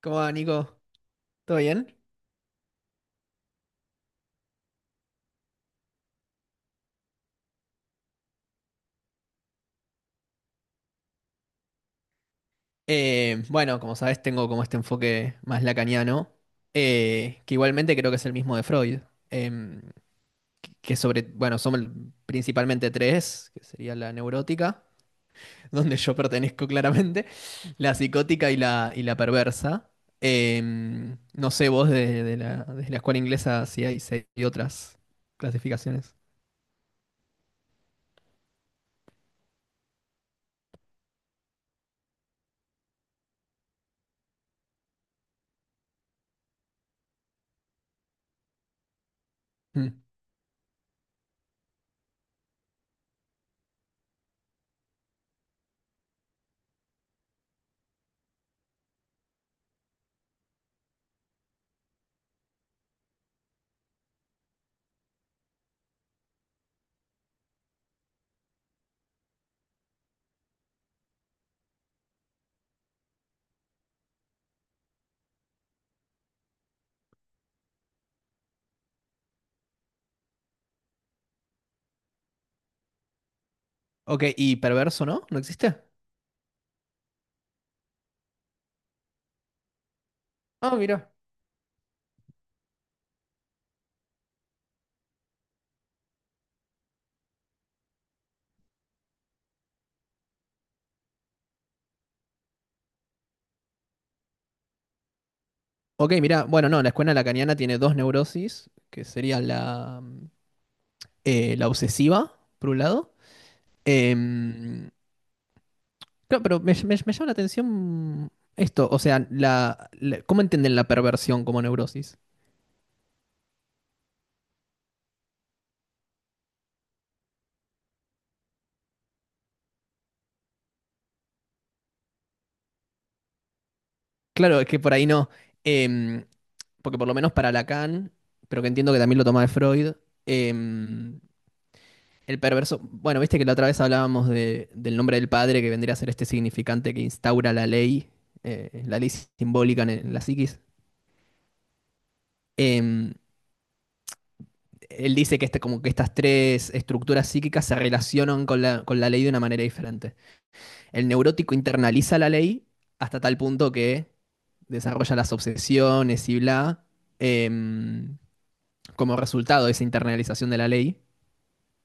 ¿Cómo va, Nico? ¿Todo bien? Bueno, como sabes, tengo como este enfoque más lacaniano, que igualmente creo que es el mismo de Freud, em, que sobre, bueno, son principalmente tres, que sería la neurótica, donde yo pertenezco claramente, la psicótica y la perversa. Em, no sé vos de la escuela inglesa si hay, si hay otras clasificaciones. Mm. Ok, ¿y perverso no? ¿No existe? Ah, mira. Ok, mira, bueno, no, la escuela lacaniana tiene dos neurosis, que sería la obsesiva, por un lado. Em, claro, pero me llama la atención esto, o sea, ¿cómo entienden la perversión como neurosis? Claro, es que por ahí no, em, porque por lo menos para Lacan, pero que entiendo que también lo toma de Freud, em, el perverso, bueno, viste que la otra vez hablábamos de- del nombre del padre, que vendría a ser este significante que instaura la ley simbólica en el- en la psiquis. Em, él dice que, este, como que estas tres estructuras psíquicas se relacionan con la ley de una manera diferente. El neurótico internaliza la ley hasta tal punto que desarrolla las obsesiones y bla, em, como resultado de esa internalización de la ley,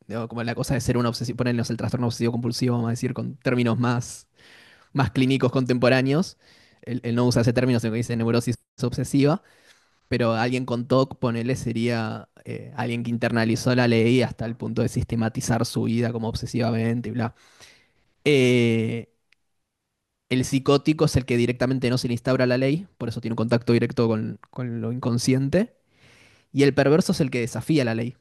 digo, como la cosa de ser una obsesión, ponernos el trastorno obsesivo compulsivo, vamos a decir, con términos más, más clínicos contemporáneos. Él no usa ese término, sino que dice neurosis obsesiva. Pero alguien con TOC, ponele, sería alguien que internalizó la ley hasta el punto de sistematizar su vida como obsesivamente y bla. Eh, el psicótico es el que directamente no se le instaura la ley, por eso tiene un contacto directo con lo inconsciente. Y el perverso es el que desafía la ley.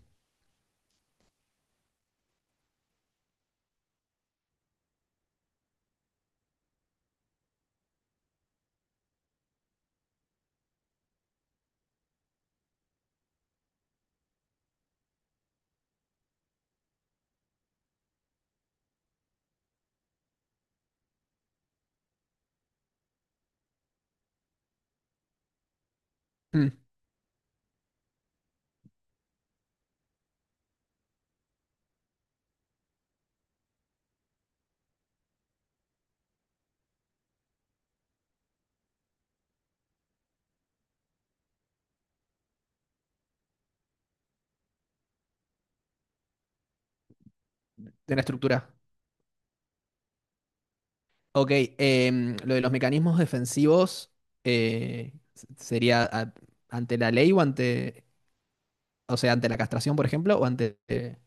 Mm, de la estructura. Ok, lo de los mecanismos defensivos sería ante la ley o ante, o sea, ante la castración, por ejemplo, o ante...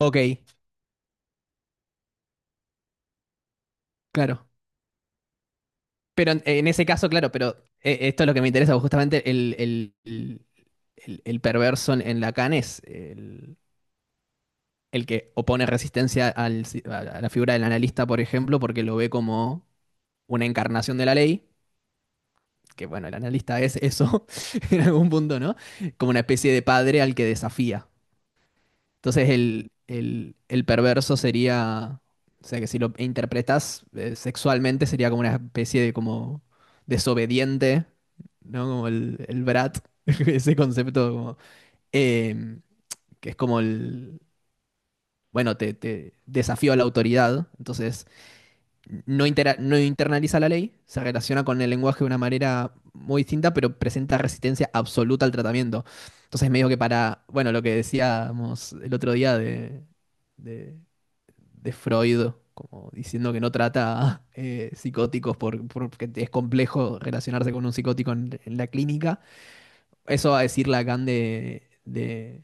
ok, claro. Pero en ese caso, claro, pero esto es lo que me interesa, justamente el perverso en Lacan es el que opone resistencia al a la figura del analista, por ejemplo, porque lo ve como una encarnación de la ley, que bueno, el analista es eso en algún punto, ¿no? Como una especie de padre al que desafía. Entonces el perverso sería, o sea que si lo interpretas sexualmente sería como una especie de como desobediente, ¿no? Como el brat, ese concepto como, eh, que es como el, bueno, te desafío a la autoridad, entonces no, no internaliza la ley, se relaciona con el lenguaje de una manera muy distinta, pero presenta resistencia absoluta al tratamiento. Entonces, medio que para, bueno, lo que decíamos el otro día de, de Freud, como diciendo que no trata psicóticos por, porque es complejo relacionarse con un psicótico en la clínica, eso va a decir Lacan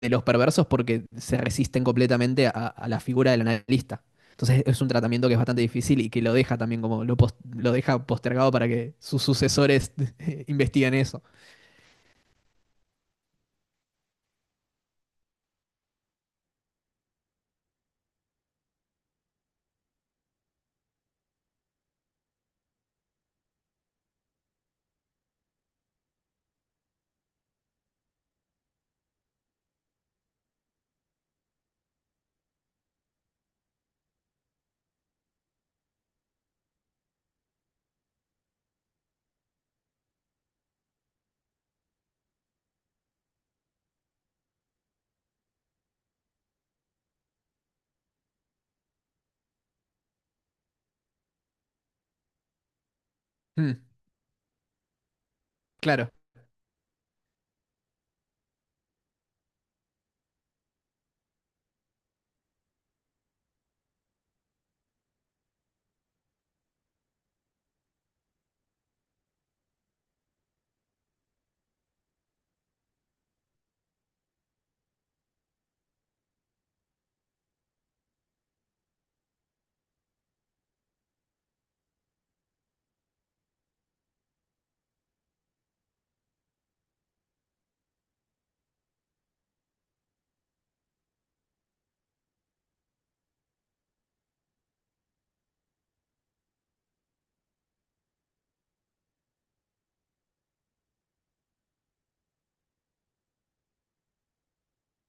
de los perversos porque se resisten completamente a la figura del analista. Entonces es un tratamiento que es bastante difícil y que lo deja también como lo, lo deja postergado para que sus sucesores investiguen eso. Mm, claro.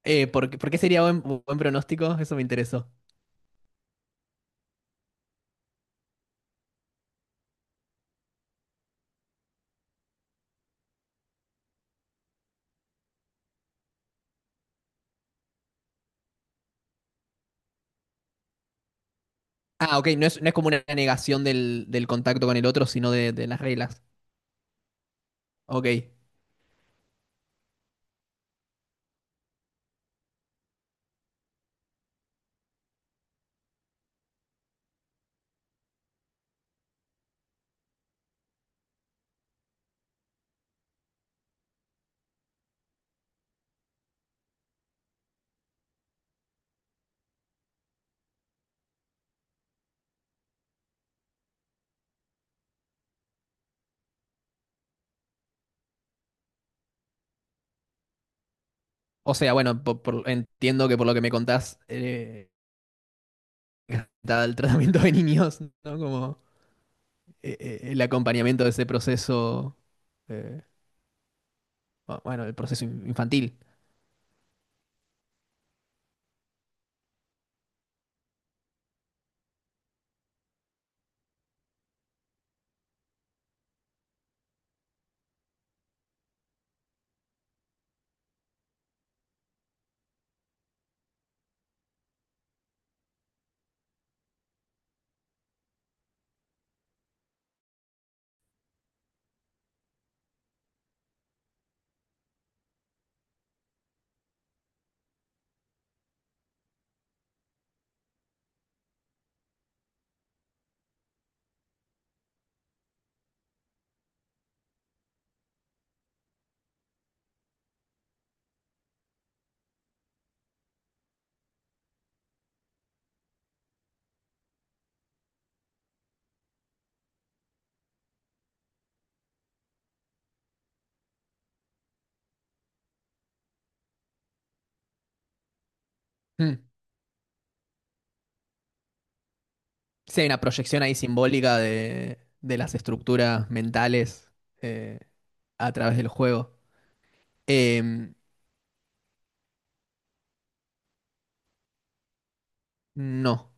Por qué sería buen, buen pronóstico? Eso me interesó. Ah, ok, no es como una negación del, del contacto con el otro, sino de las reglas. Ok. O sea, bueno, entiendo que por lo que me contás, está el tratamiento de niños, ¿no? Como el acompañamiento de ese proceso eh, bueno, el proceso in- infantil. Mm. Sí, hay una proyección ahí simbólica de las estructuras mentales eh, a través del juego. Em, no.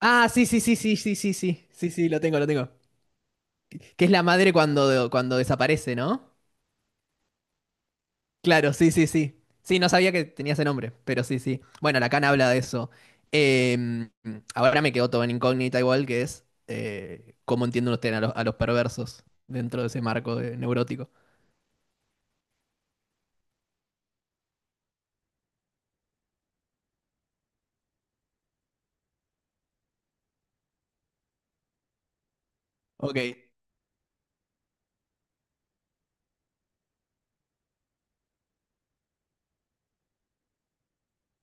Ah, sí, sí, sí, sí, sí, sí, sí, sí, sí, lo tengo, lo tengo. Que es la madre cuando, cuando desaparece, ¿no? Claro, sí, sí, sí. Sí, no sabía que tenía ese nombre, pero sí, sí. Bueno, la Khan habla de eso. Eh, ahora me quedó todo en incógnita igual, que es cómo entienden ustedes a los perversos dentro de ese marco de- neurótico. Ok,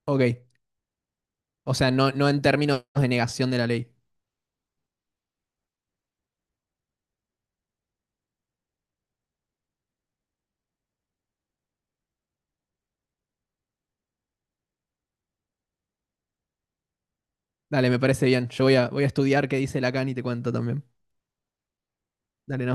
ok. O sea, no, no en términos de negación de la ley. Dale, me parece bien. Yo voy a, voy a estudiar qué dice Lacan y te cuento también. Dale,